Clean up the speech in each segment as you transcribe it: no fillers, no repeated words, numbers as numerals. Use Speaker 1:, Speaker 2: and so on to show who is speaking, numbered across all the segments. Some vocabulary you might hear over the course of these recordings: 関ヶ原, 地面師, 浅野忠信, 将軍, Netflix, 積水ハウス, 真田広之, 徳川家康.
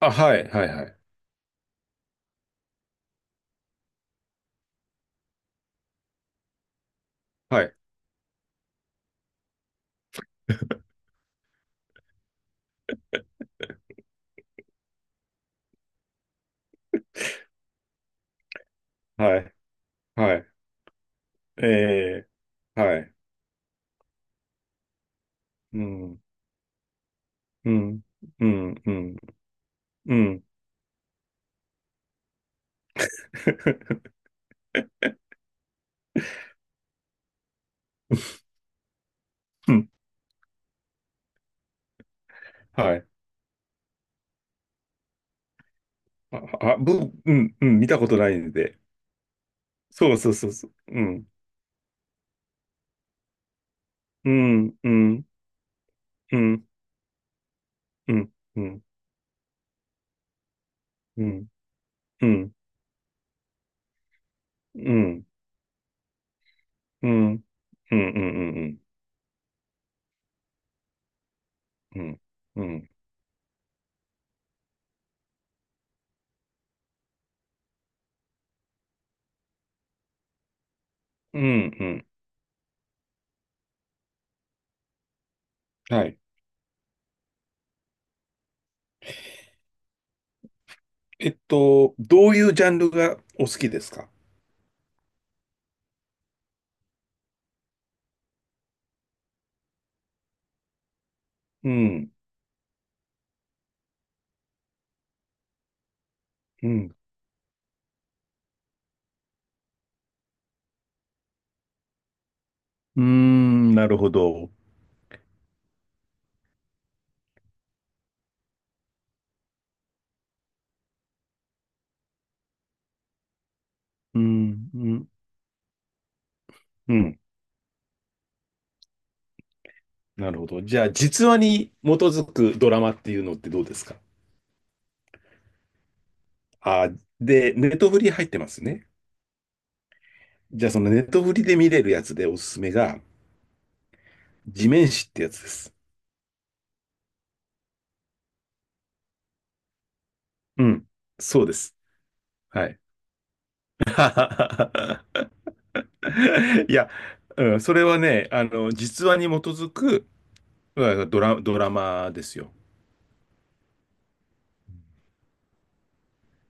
Speaker 1: あ、はい、はい、はい、はい、はい、はい、ええ、はい、うん、うん、うん、うん、うん、うん、はい、あ、あ、うん、うん、見たことないんで、そうそうそうそう、うん、うん、うん、うん、うん、うん、うん、うん、うん、うん、うん、うん、うん、うん、うん、うん、はい。えっと、どういうジャンルがお好きですか？うん、うん、うーん、なるほど。うん、うん、うん、なるほど。じゃあ、実話に基づくドラマっていうのってどうですか？あー、で、ネットフリ入ってますね。じゃあ、そのネットフリで見れるやつでおすすめが、地面師ってやつです。うん。そうです。はい。いや、うん、それはね、あの、実話に基づくうんドラマですよ。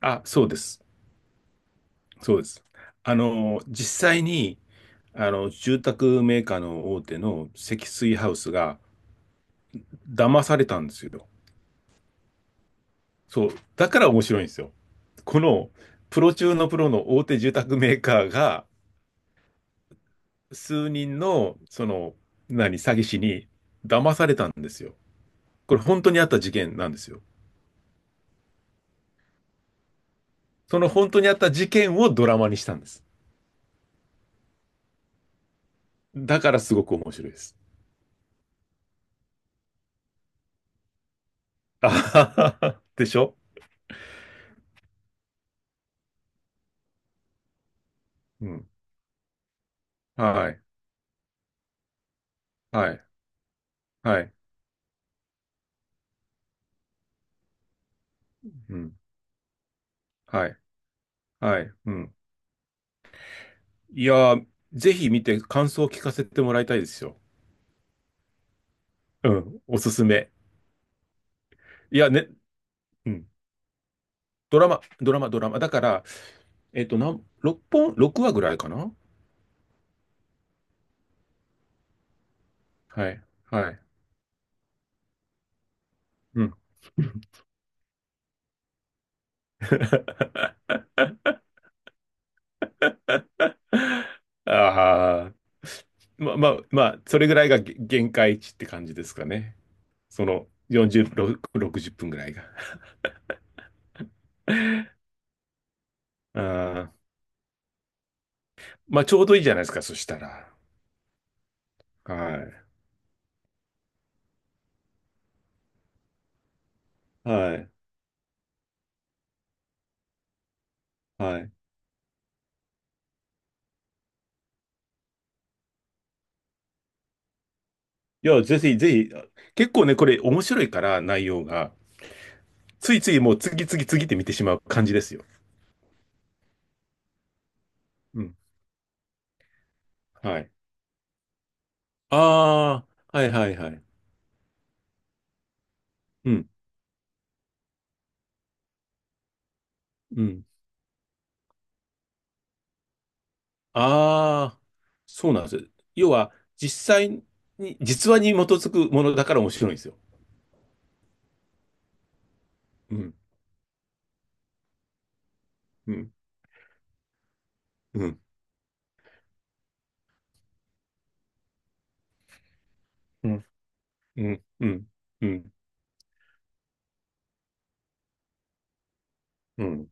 Speaker 1: あ、そうです。そうです。あの、実際に、あの、住宅メーカーの大手の積水ハウスが騙されたんですよ。そう、だから面白いんですよ。このプロ中のプロの大手住宅メーカーが数人のその何詐欺師に騙されたんですよ。これ本当にあった事件なんですよ。その本当にあった事件をドラマにしたんです。だからすごく面白いです。あはははでしょ？うん。はい。はい。はい。うん。はい。はい。うん。いやー、ぜひ見て感想を聞かせてもらいたいですよ。うん。おすすめ。いやね、うん。ドラマ、ドラマ、ドラマ。だから、えっと、6本、6話ぐらいかな？はい、はい。うん。ああ、まあまあ、まあ、それぐらいが限界値って感じですかね。その40、6 60分ぐらいが。あーまあ、ちょうどいいじゃないですか、そしたら。はい。はい。はい。いや、ぜひ、ぜひ、結構ね、これ面白いから、内容が。ついついもう次、次、次って見てしまう感じですよ。うん。はい。ああ、はいはいはい。うん、うん。ああ、そうなんです。要は、実際に、実話に基づくものだから面白いんですよ。うん、うん、うん、うん、うん、うん、うん、うん、うん、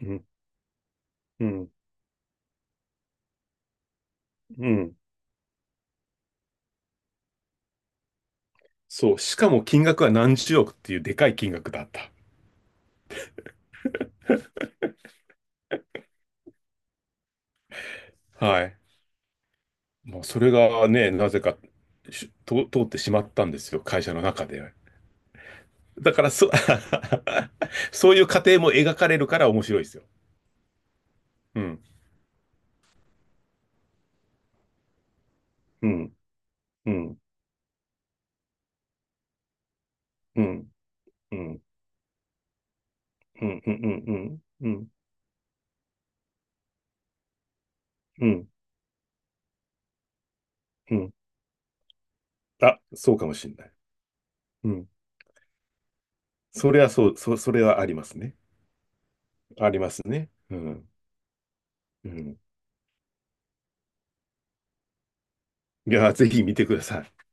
Speaker 1: うん、うん。そう。しかも金額は何十億っていうでかい金額だった。はい。もうそれがね、なぜか通ってしまったんですよ、会社の中で。だからそういう過程も描かれるから面白いですよ。うん。うんうん、うん、うん、うん、うん、うん、うん、うん、うん。あ、そうかもしれない。うん。それはそう、それはありますね。ありますね。うん、うん。いや、ぜひ見てください。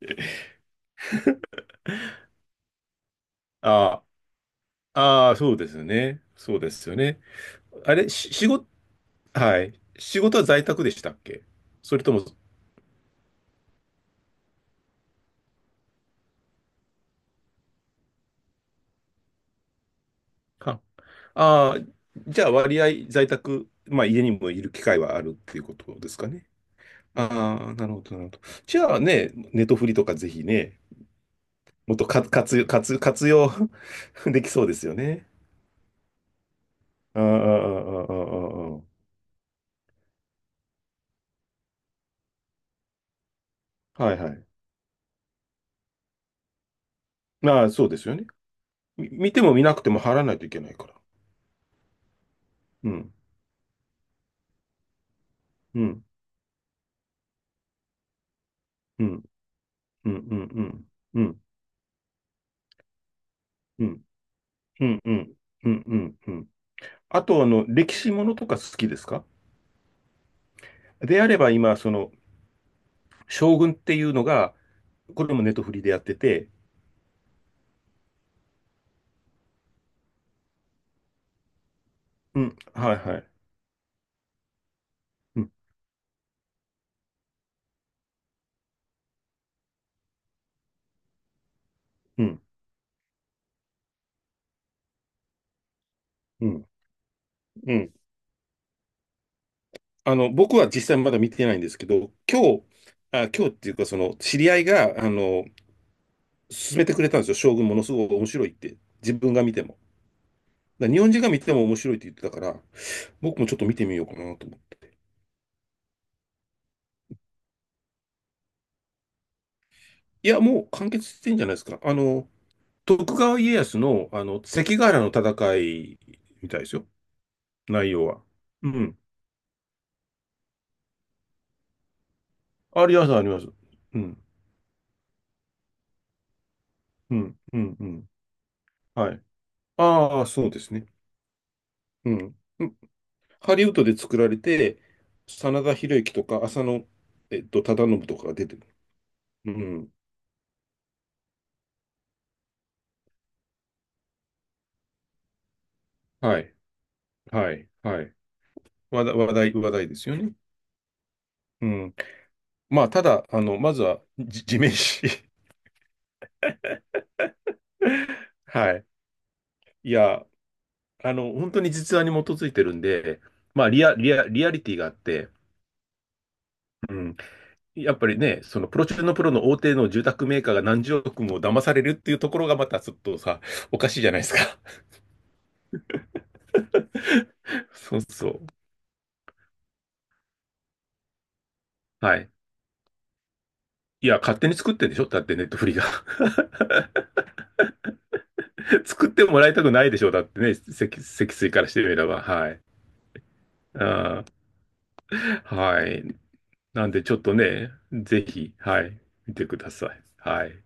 Speaker 1: ああ、あそうですよね。そうですよね。あれ、仕事、はい。仕事は在宅でしたっけ？それとも、ああー、じゃあ割合在宅、まあ家にもいる機会はあるっていうことですかね。ああ、なるほど、なるほど。じゃあね、ネトフリとかぜひね、もっとか活用 できそうですよね。ああ、ああ、ああ、ああ、はいはい。まあ、そうですよね。見ても見なくても貼らないといけないから。うん、うん、うん、うん、うん、うん、うん、うん、うん、うん、うん、うん。あと、あの、歴史ものとか好きですか？であれば今、その、将軍っていうのが、これもネットフリでやってて、うん、はいはい。うん、うん、うん、うん。あの、僕は実際まだ見てないんですけど、今日、あ、今日っていうか、その、知り合いが、あの、勧めてくれたんですよ。将軍ものすごく面白いって。自分が見ても。だから日本人が見ても面白いって言ってたから、僕もちょっと見てみようかなと思って。いや、もう完結してんじゃないですか。あの、徳川家康の、あの、関ヶ原の戦いみたいですよ。内容は。うん。あります、あります。うん、うん、うん、うん。はい。ああ、そうですね。うん。ハリウッドで作られて、真田広之とか、浅野、えっと、忠信とかが出てる。うん。はい。はい。はい。話題、話題、話題ですよね。うん。まあ、ただ、あの、まずは、地面師。はい。いや、あの、本当に実話に基づいてるんで、まあ、リアリティがあって、うん。やっぱりね、そのプロ中のプロの大手の住宅メーカーが何十億も騙されるっていうところがまたちょっとさ、おかしいじゃないですか。そうそう。はい。いや、勝手に作ってんでしょ？だってネットフリが 作ってもらいたくないでしょ？だってね、積水からしてみれば。はい。あーはい。なんでちょっとね、ぜひ、はい、見てください。はい。